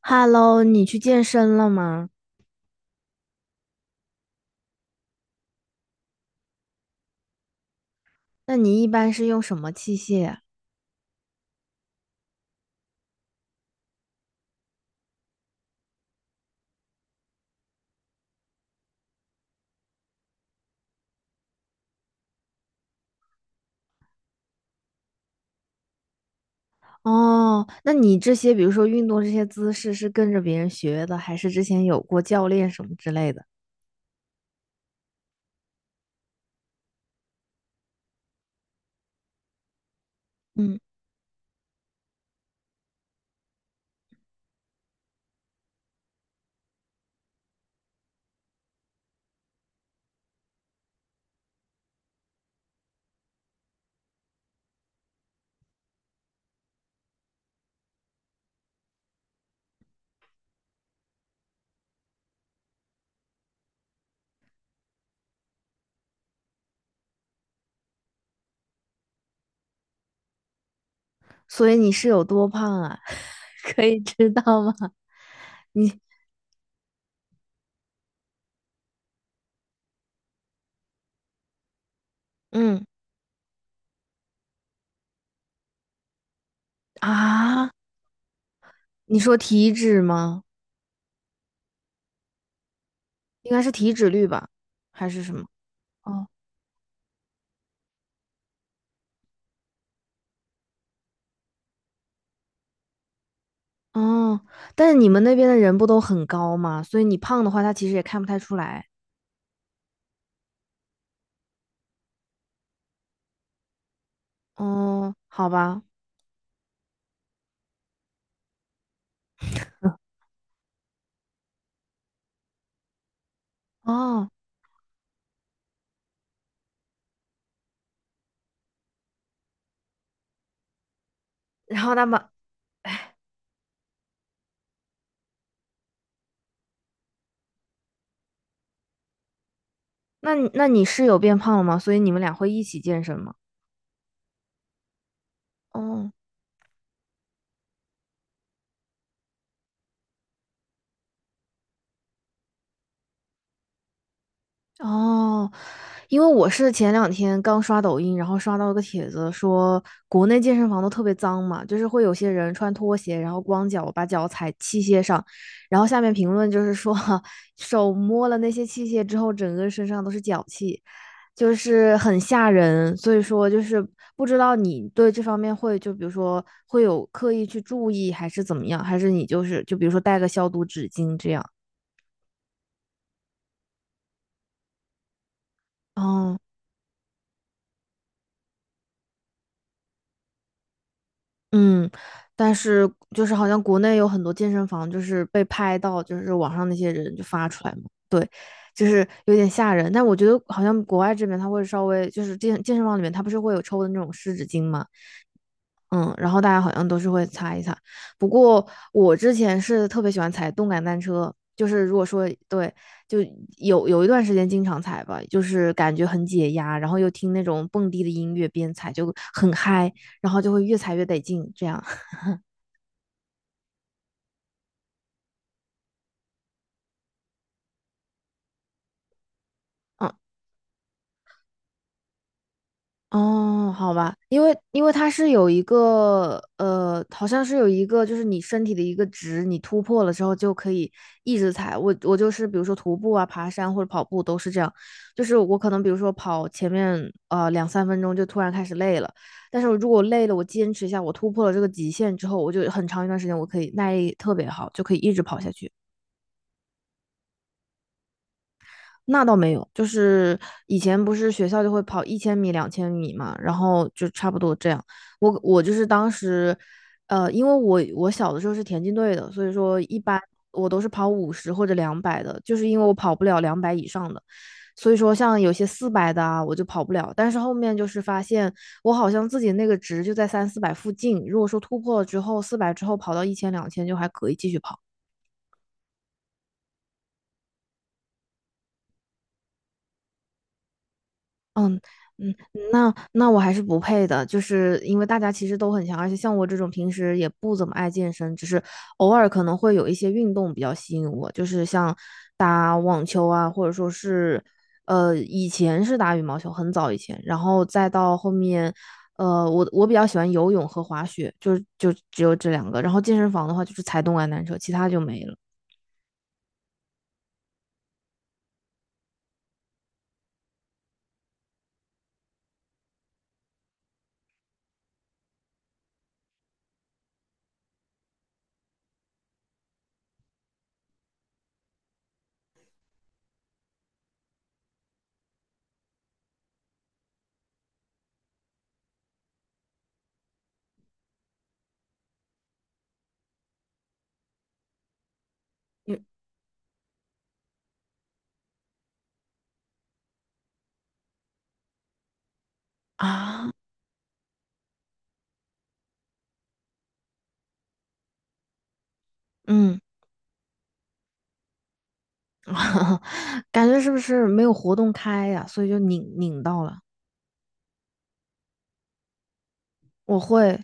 Hello，你去健身了吗？那你一般是用什么器械啊？哦，那你这些，比如说运动这些姿势，是跟着别人学的，还是之前有过教练什么之类的？嗯，所以你是有多胖啊？可以知道吗？嗯，啊，你说体脂吗？应该是体脂率吧，还是什么？哦哦，但是你们那边的人不都很高吗？所以你胖的话，他其实也看不太出来。哦，好吧。哦。然后那么。那你室友变胖了吗？所以你们俩会一起健身吗？哦，哦，因为我是前两天刚刷抖音，然后刷到一个帖子说，国内健身房都特别脏嘛，就是会有些人穿拖鞋，然后光脚把脚踩器械上，然后下面评论就是说，手摸了那些器械之后，整个身上都是脚气，就是很吓人。所以说，就是不知道你对这方面会就比如说会有刻意去注意，还是怎么样，还是你就是就比如说带个消毒纸巾这样。哦。嗯，但是就是好像国内有很多健身房，就是被拍到，就是网上那些人就发出来嘛，对，就是有点吓人。但我觉得好像国外这边他会稍微就是健身房里面他不是会有抽的那种湿纸巾嘛，嗯，然后大家好像都是会擦一擦。不过我之前是特别喜欢踩动感单车，就是如果说对，就有一段时间经常踩吧，就是感觉很解压，然后又听那种蹦迪的音乐边踩就很嗨，然后就会越踩越得劲这样。嗯。哦，好吧，因为它是有一个好像是有一个就是你身体的一个值，你突破了之后就可以一直踩。我就是比如说徒步啊、爬山或者跑步都是这样，就是我可能比如说跑前面两三分钟就突然开始累了，但是如果累了我坚持一下，我突破了这个极限之后，我就很长一段时间我可以耐力特别好，就可以一直跑下去。那倒没有，就是以前不是学校就会跑1000米、2000米嘛，然后就差不多这样。我就是当时，因为我小的时候是田径队的，所以说一般我都是跑50或者两百的，就是因为我跑不了两百以上的，所以说像有些四百的啊，我就跑不了。但是后面就是发现我好像自己那个值就在三四百附近，如果说突破了之后，四百之后跑到一千、两千就还可以继续跑。嗯嗯，那我还是不配的，就是因为大家其实都很强，而且像我这种平时也不怎么爱健身，只是偶尔可能会有一些运动比较吸引我，就是像打网球啊，或者说是以前是打羽毛球，很早以前，然后再到后面，我比较喜欢游泳和滑雪，就只有这两个，然后健身房的话就是踩动感单车，其他就没了。嗯啊，嗯。感觉是不是没有活动开呀？所以就拧到了。我会，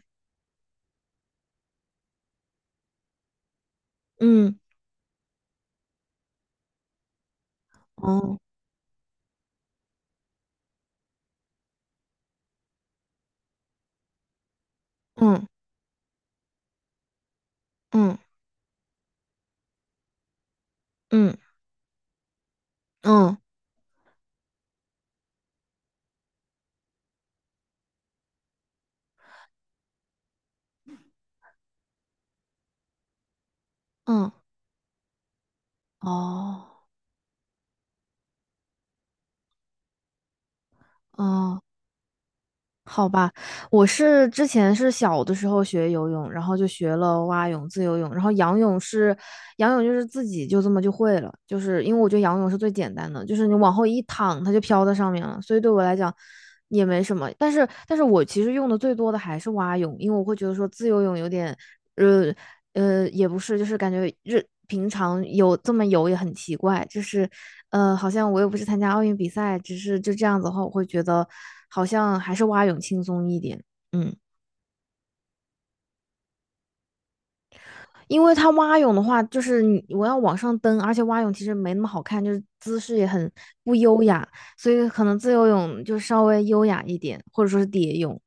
嗯，哦，嗯嗯嗯嗯嗯嗯，哦哦。好吧，我是之前是小的时候学游泳，然后就学了蛙泳、自由泳，然后仰泳是，仰泳就是自己就这么就会了，就是因为我觉得仰泳是最简单的，就是你往后一躺，它就飘在上面了，所以对我来讲也没什么。但是，但是我其实用的最多的还是蛙泳，因为我会觉得说自由泳有点，呃，也不是，就是感觉日平常有这么游也很奇怪，就是好像我又不是参加奥运比赛，只是就这样子的话，我会觉得好像还是蛙泳轻松一点。嗯，因为它蛙泳的话，就是你我要往上蹬，而且蛙泳其实没那么好看，就是姿势也很不优雅，所以可能自由泳就稍微优雅一点，或者说是蝶泳。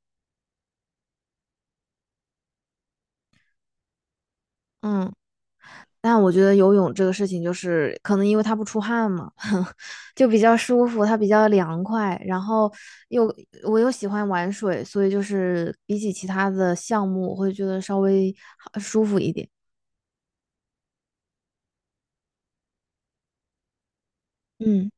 嗯，但我觉得游泳这个事情，就是可能因为它不出汗嘛。就比较舒服，它比较凉快，然后又我又喜欢玩水，所以就是比起其他的项目，我会觉得稍微好舒服一点。嗯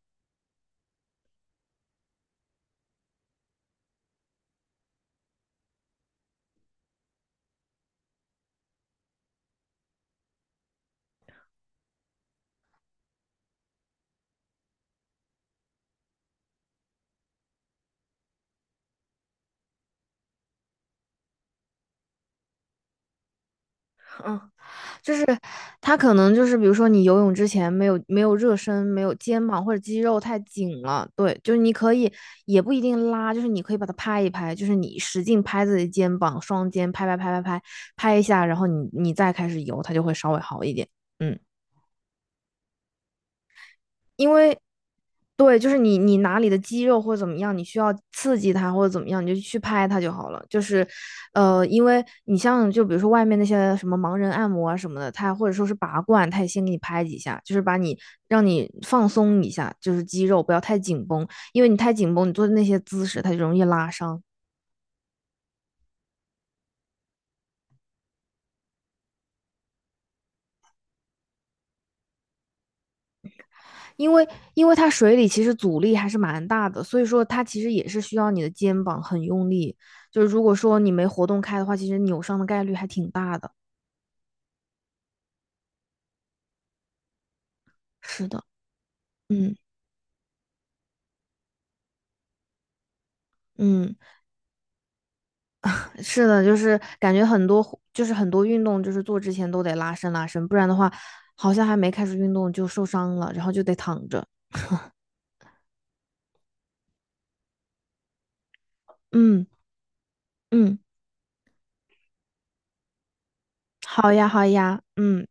嗯，就是它可能就是比如说你游泳之前没有热身，没有肩膀或者肌肉太紧了，对，就是你可以也不一定拉，就是你可以把它拍一拍，就是你使劲拍自己的肩膀，双肩拍拍拍拍拍拍一下，然后你再开始游，它就会稍微好一点。嗯。因为对，就是你哪里的肌肉或者怎么样，你需要刺激它或者怎么样，你就去拍它就好了。就是，因为你像就比如说外面那些什么盲人按摩啊什么的，他或者说是拔罐，他也先给你拍几下，就是把你让你放松一下，就是肌肉不要太紧绷，因为你太紧绷，你做的那些姿势它就容易拉伤。因为因为它水里其实阻力还是蛮大的，所以说它其实也是需要你的肩膀很用力。就是如果说你没活动开的话，其实扭伤的概率还挺大的。是的，嗯嗯，是的，就是感觉很多就是很多运动，就是做之前都得拉伸拉伸，不然的话，好像还没开始运动就受伤了，然后就得躺着。嗯嗯，好呀好呀，嗯。